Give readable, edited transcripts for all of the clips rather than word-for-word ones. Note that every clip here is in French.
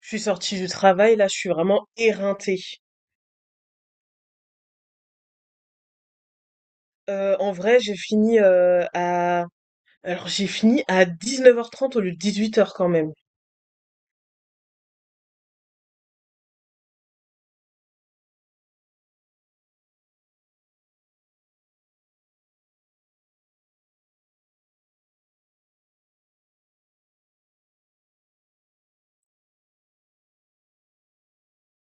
Je suis sortie du travail, là, je suis vraiment éreintée. En vrai, j'ai fini à... Alors, j'ai fini à 19h30 au lieu de 18h quand même.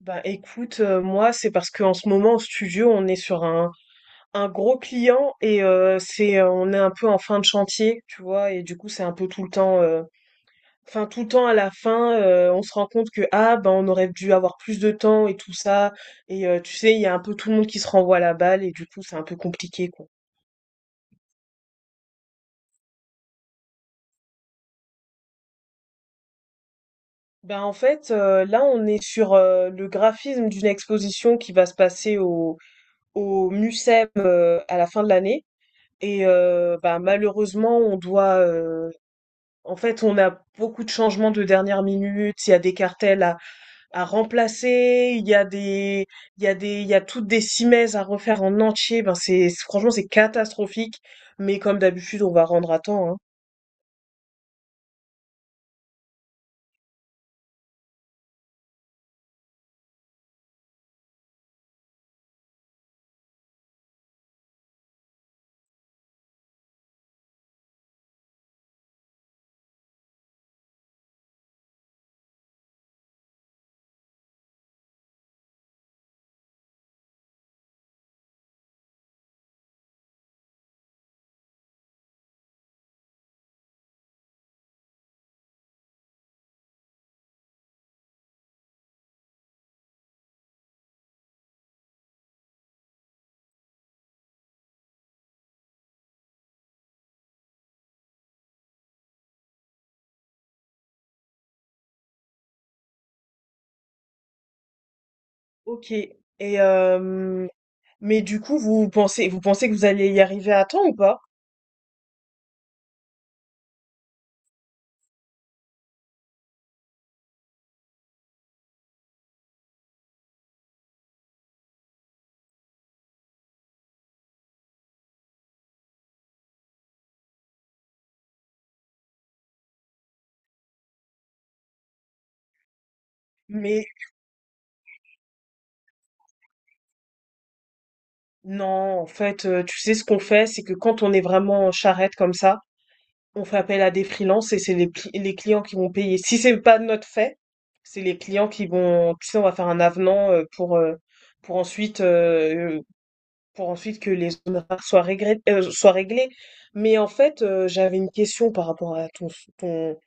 Bah écoute, moi, c'est parce qu'en ce moment, au studio, on est sur un gros client et c'est, on est un peu en fin de chantier, tu vois, et du coup, c'est un peu tout le temps... Enfin, tout le temps à la fin, on se rend compte que ah ben on aurait dû avoir plus de temps et tout ça. Et tu sais, il y a un peu tout le monde qui se renvoie la balle et du coup c'est un peu compliqué quoi. Ben en fait, là, on est sur le graphisme d'une exposition qui va se passer au MUSEM à la fin de l'année. Et ben, malheureusement, on doit... en fait, on a beaucoup de changements de dernière minute. Il y a des cartels à remplacer, il y a toutes des simèses à refaire en entier. Ben franchement, c'est catastrophique. Mais comme d'habitude, on va rendre à temps, hein. Ok. Et mais du coup, vous pensez que vous allez y arriver à temps ou pas? Mais non, en fait, tu sais ce qu'on fait, c'est que quand on est vraiment en charrette comme ça. On fait appel à des freelances et c'est les clients qui vont payer. Si c'est pas de notre fait, c'est les clients qui vont, tu sais, on va faire un avenant pour pour ensuite euh, pour ensuite que les honoraires soient soient réglés. Mais en fait, j'avais une question par rapport à ton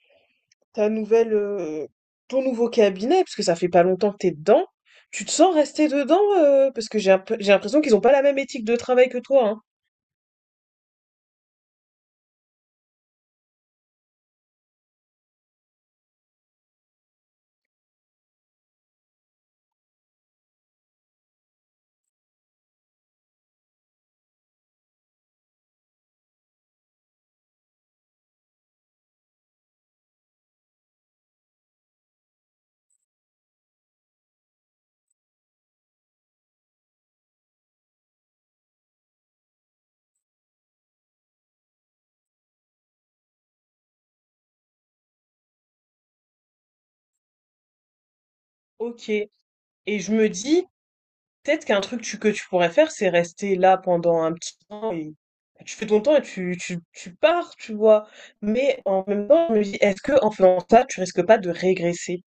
ta nouvelle ton nouveau cabinet parce que ça fait pas longtemps que t'es dedans. Tu te sens rester dedans parce que j'ai l'impression qu'ils ont pas la même éthique de travail que toi, hein. Ok. Et je me dis peut-être qu'un truc que tu pourrais faire, c'est rester là pendant un petit temps et tu fais ton temps et tu pars, tu vois. Mais en même temps, je me dis, est-ce que en faisant ça, tu risques pas de régresser?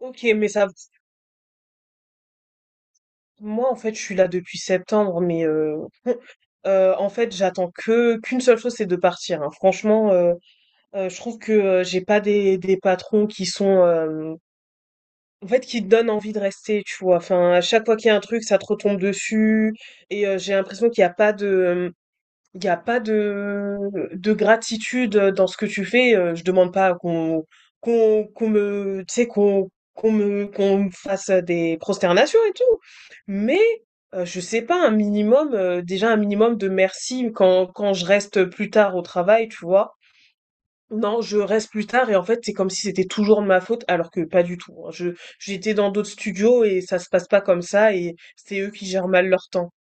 Ok, mais ça, moi en fait, je suis là depuis septembre, mais en fait, j'attends que qu'une seule chose, c'est de partir. Hein. Franchement, je trouve que j'ai pas des patrons qui sont, en fait, qui te donnent envie de rester, tu vois. Enfin, à chaque fois qu'il y a un truc, ça te retombe dessus, et j'ai l'impression qu'il n'y a pas de il n'y a pas de gratitude dans ce que tu fais. Je demande pas qu'on me, tu sais, qu'on me fasse des prosternations et tout. Mais je sais pas, un minimum, déjà un minimum de merci quand je reste plus tard au travail, tu vois. Non, je reste plus tard et en fait, c'est comme si c'était toujours de ma faute, alors que pas du tout. Hein. J'étais dans d'autres studios et ça se passe pas comme ça et c'est eux qui gèrent mal leur temps.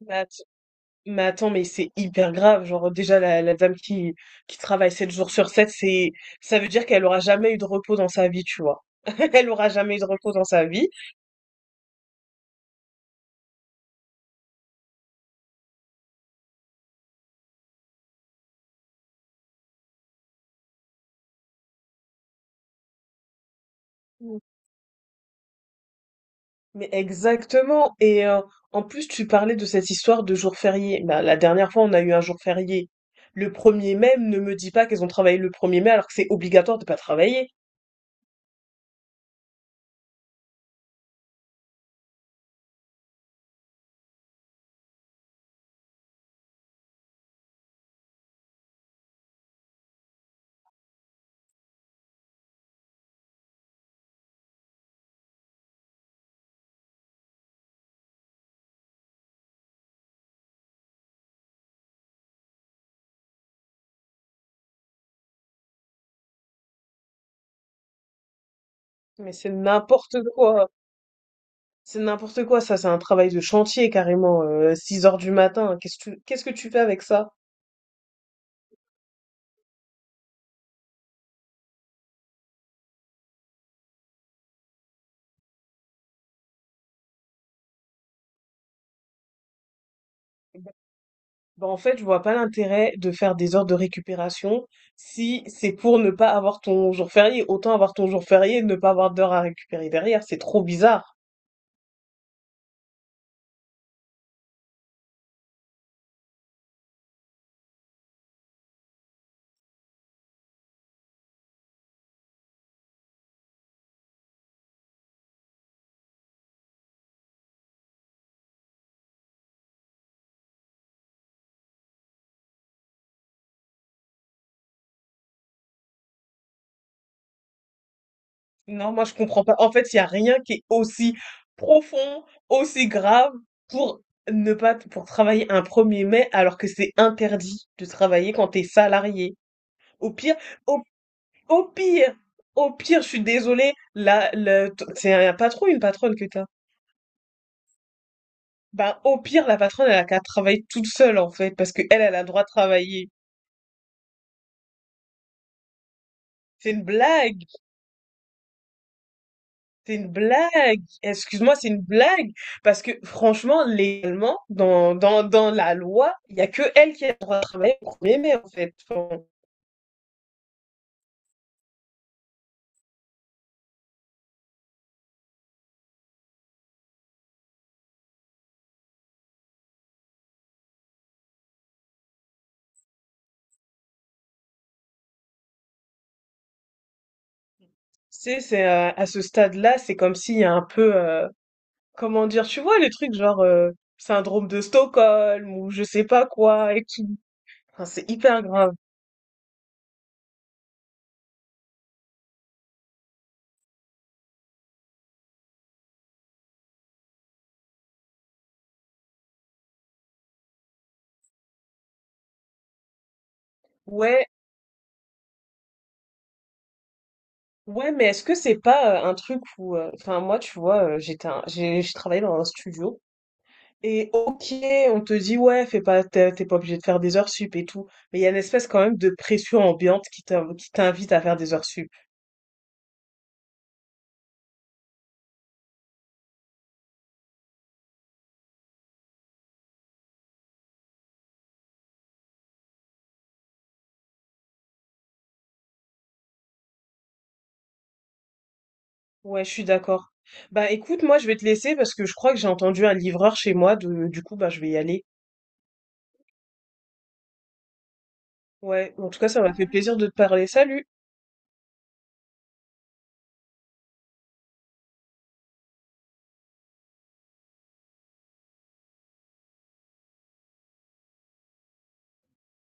Bah, mais attends, mais c'est hyper grave. Genre, déjà, la dame qui travaille 7 jours sur 7 c'est, ça veut dire qu'elle aura jamais eu de repos dans sa vie, tu vois. Elle aura jamais eu de repos dans sa vie. Mm. Mais exactement. Et en plus, tu parlais de cette histoire de jour férié. Bah, la dernière fois, on a eu un jour férié. Le premier mai, ne me dis pas qu'elles ont travaillé le premier mai alors que c'est obligatoire de pas travailler. Mais c'est n'importe quoi. C'est n'importe quoi, ça, c'est un travail de chantier carrément, 6 heures du matin. Qu'est-ce que qu'est-ce que tu fais avec ça? Bah, en fait, je vois pas l'intérêt de faire des heures de récupération si c'est pour ne pas avoir ton jour férié. Autant avoir ton jour férié et ne pas avoir d'heures à récupérer derrière. C'est trop bizarre. Non, moi, je comprends pas. En fait, il y a rien qui est aussi profond, aussi grave pour ne pas, pour travailler un premier mai alors que c'est interdit de travailler quand t'es salarié. Au pire, au, au pire, au pire, je suis désolée, là, c'est un patron, une patronne que t'as. Bah, au pire, la patronne, elle a qu'à travailler toute seule, en fait, parce que elle a le droit de travailler. C'est une blague. C'est une blague. Excuse-moi, c'est une blague. Parce que franchement, légalement, dans la loi, il n'y a que elle qui a le droit de travailler au 1er mai, en fait. Enfin, bon, tu sais, c'est, à ce stade-là, c'est comme s'il y a un peu, comment dire, tu vois, les trucs genre syndrome de Stockholm ou je sais pas quoi et tout. Enfin, c'est hyper grave. Ouais, ouais, mais est-ce que c'est pas un truc où, enfin, moi, tu vois, j'ai travaillé dans un studio. Et ok, on te dit ouais, fais pas, t'es pas obligé de faire des heures sup et tout, mais il y a une espèce quand même de pression ambiante qui qui t'invite à faire des heures sup. Ouais, je suis d'accord. Bah écoute, moi je vais te laisser parce que je crois que j'ai entendu un livreur chez moi, du coup bah je vais y aller. Ouais, en tout cas ça m'a fait plaisir de te parler. Salut!